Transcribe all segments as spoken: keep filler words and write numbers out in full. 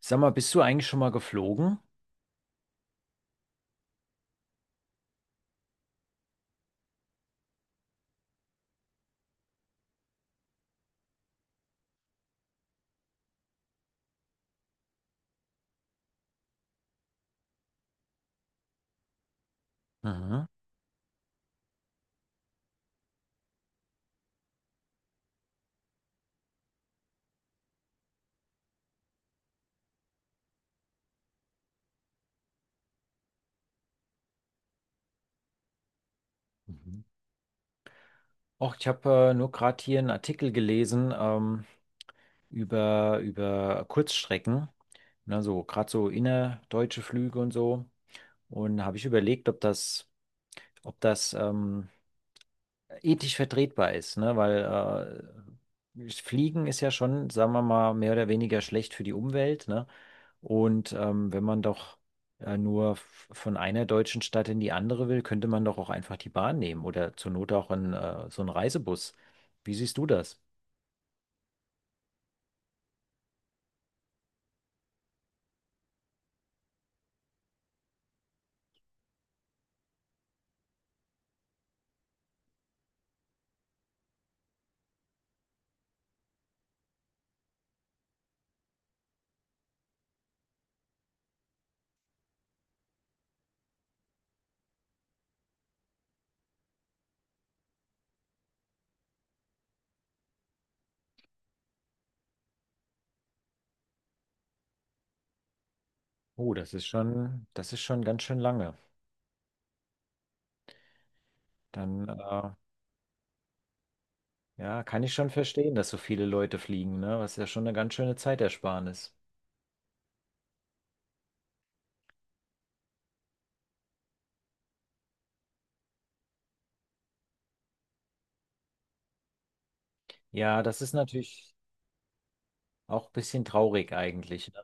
Sag mal, bist du eigentlich schon mal geflogen? Mhm. Mhm. Och, ich habe äh, nur gerade hier einen Artikel gelesen ähm, über, über Kurzstrecken, ne, so gerade so innerdeutsche Flüge und so. Und habe ich überlegt, ob das, ob das ähm, ethisch vertretbar ist, ne? Weil äh, Fliegen ist ja schon, sagen wir mal, mehr oder weniger schlecht für die Umwelt, ne? Und ähm, wenn man doch äh, nur f- von einer deutschen Stadt in die andere will, könnte man doch auch einfach die Bahn nehmen oder zur Not auch einen, äh, so einen Reisebus. Wie siehst du das? Oh, das ist schon, das ist schon ganz schön lange. Dann, äh, ja, kann ich schon verstehen, dass so viele Leute fliegen, ne? Was ja schon eine ganz schöne Zeitersparnis. Ja, das ist natürlich auch ein bisschen traurig eigentlich. Ne?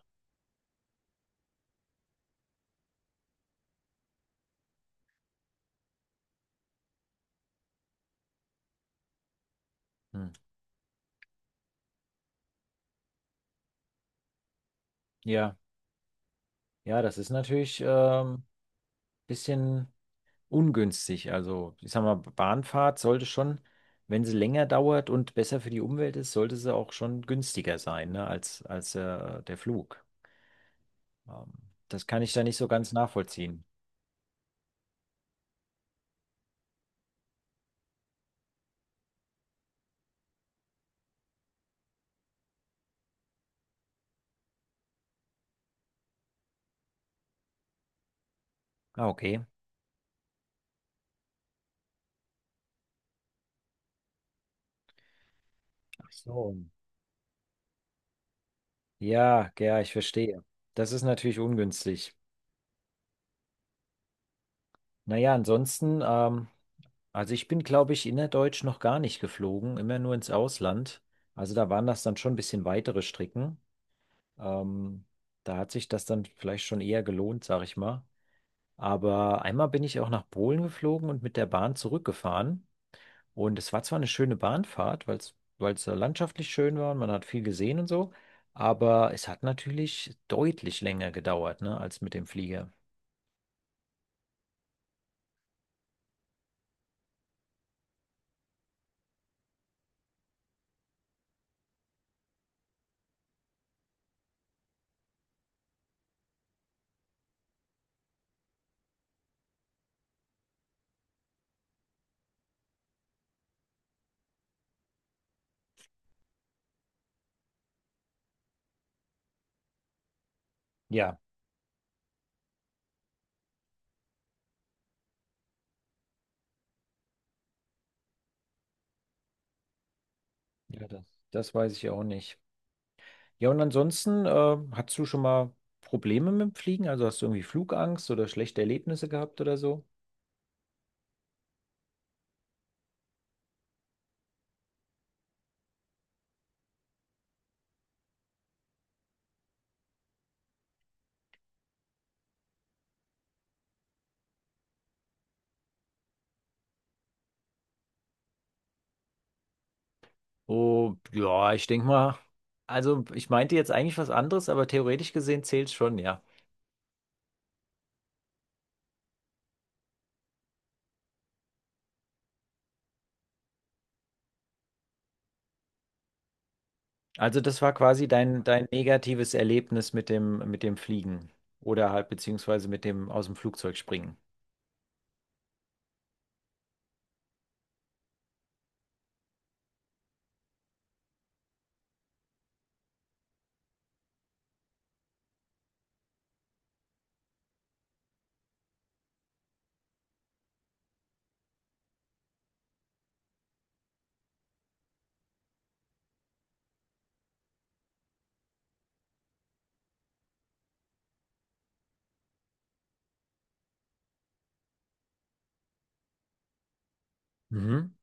Hm. Ja, ja, das ist natürlich ähm, bisschen ungünstig. Also, ich sag mal, Bahnfahrt sollte schon, wenn sie länger dauert und besser für die Umwelt ist, sollte sie auch schon günstiger sein, ne, als, als äh, der Flug. Ähm, das kann ich da nicht so ganz nachvollziehen. Ah, okay. Ach so. Ja, ja, ich verstehe. Das ist natürlich ungünstig. Naja, ansonsten, ähm, also ich bin, glaube ich, innerdeutsch noch gar nicht geflogen, immer nur ins Ausland. Also da waren das dann schon ein bisschen weitere Strecken. Ähm, da hat sich das dann vielleicht schon eher gelohnt, sag ich mal. Aber einmal bin ich auch nach Polen geflogen und mit der Bahn zurückgefahren. Und es war zwar eine schöne Bahnfahrt, weil es, weil es äh, landschaftlich schön war und man hat viel gesehen und so, aber es hat natürlich deutlich länger gedauert, ne, als mit dem Flieger. Ja, ja, das, das weiß ich auch nicht. Ja, und ansonsten, äh, hast du schon mal Probleme mit dem Fliegen? Also hast du irgendwie Flugangst oder schlechte Erlebnisse gehabt oder so? Oh, ja, ich denke mal, also ich meinte jetzt eigentlich was anderes, aber theoretisch gesehen zählt schon, ja. Also das war quasi dein, dein negatives Erlebnis mit dem, mit dem Fliegen oder halt beziehungsweise mit dem aus dem Flugzeug springen. Mhm.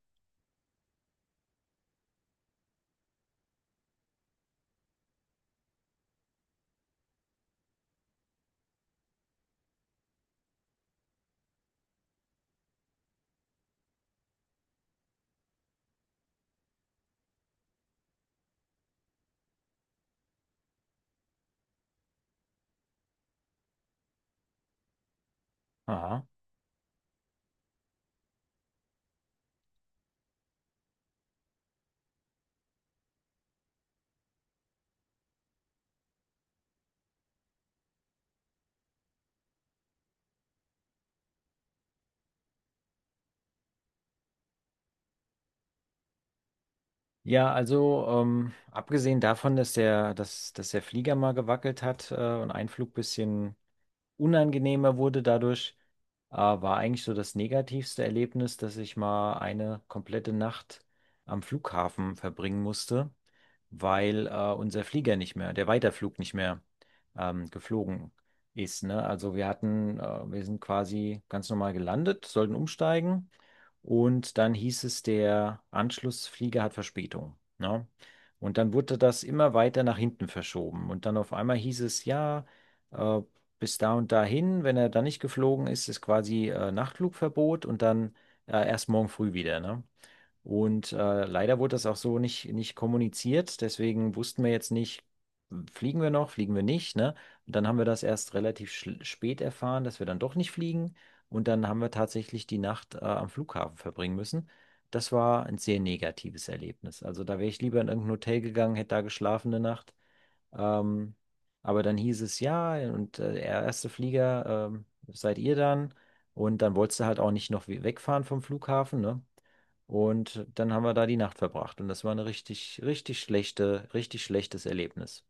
Aha. Ja, also ähm, abgesehen davon, dass der, dass, dass der Flieger mal gewackelt hat äh, und ein Flug bisschen unangenehmer wurde dadurch, äh, war eigentlich so das negativste Erlebnis, dass ich mal eine komplette Nacht am Flughafen verbringen musste, weil äh, unser Flieger nicht mehr, der Weiterflug nicht mehr ähm, geflogen ist. Ne? Also wir hatten, äh, wir sind quasi ganz normal gelandet, sollten umsteigen und dann hieß es, der Anschlussflieger hat Verspätung. Ne? Und dann wurde das immer weiter nach hinten verschoben. Und dann auf einmal hieß es, ja, äh, bis da und dahin. Wenn er dann nicht geflogen ist, ist quasi äh, Nachtflugverbot und dann äh, erst morgen früh wieder, ne? Und äh, leider wurde das auch so nicht, nicht kommuniziert. Deswegen wussten wir jetzt nicht, hm, fliegen wir noch, fliegen wir nicht, ne? Und dann haben wir das erst relativ schl- spät erfahren, dass wir dann doch nicht fliegen. Und dann haben wir tatsächlich die Nacht äh, am Flughafen verbringen müssen. Das war ein sehr negatives Erlebnis. Also da wäre ich lieber in irgendein Hotel gegangen, hätte da geschlafen eine Nacht. Ähm, aber dann hieß es ja, und äh, der erste Flieger ähm, seid ihr dann. Und dann wolltest du halt auch nicht noch we- wegfahren vom Flughafen, ne? Und dann haben wir da die Nacht verbracht. Und das war eine richtig, richtig schlechte, richtig schlechtes Erlebnis.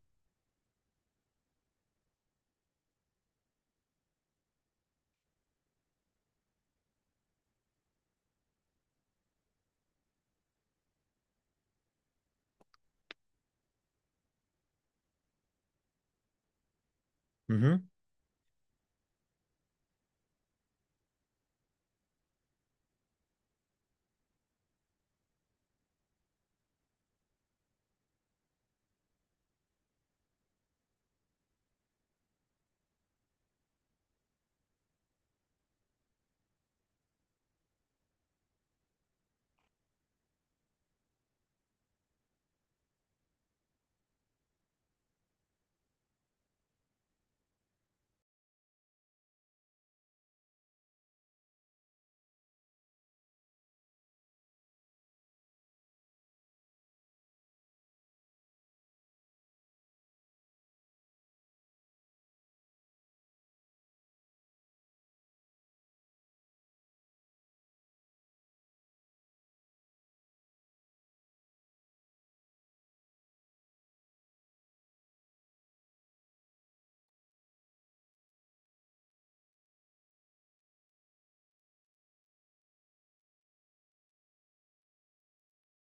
Mhm.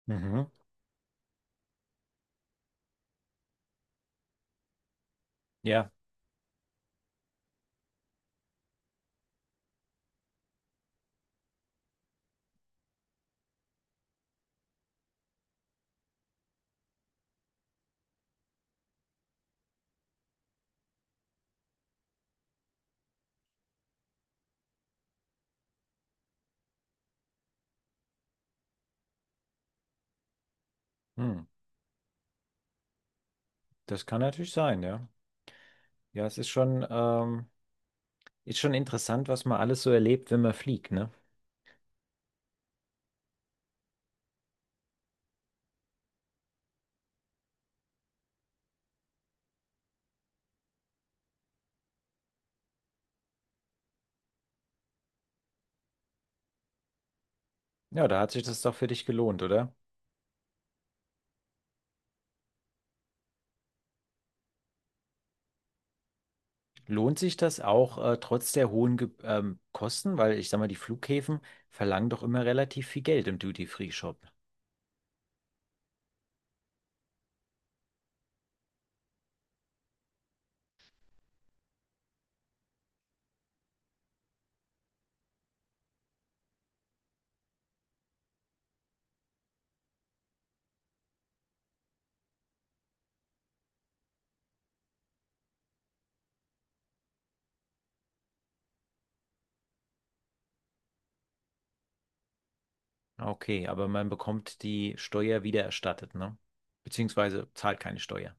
Mhm. Ja. Hm. Das kann natürlich sein, ja. Ja, es ist schon, ähm, ist schon interessant, was man alles so erlebt, wenn man fliegt, ne? Ja, da hat sich das doch für dich gelohnt, oder? Lohnt sich das auch äh, trotz der hohen Ge ähm, Kosten? Weil ich sag mal, die Flughäfen verlangen doch immer relativ viel Geld im Duty-Free-Shop. Okay, aber man bekommt die Steuer wiedererstattet, ne? Beziehungsweise zahlt keine Steuer.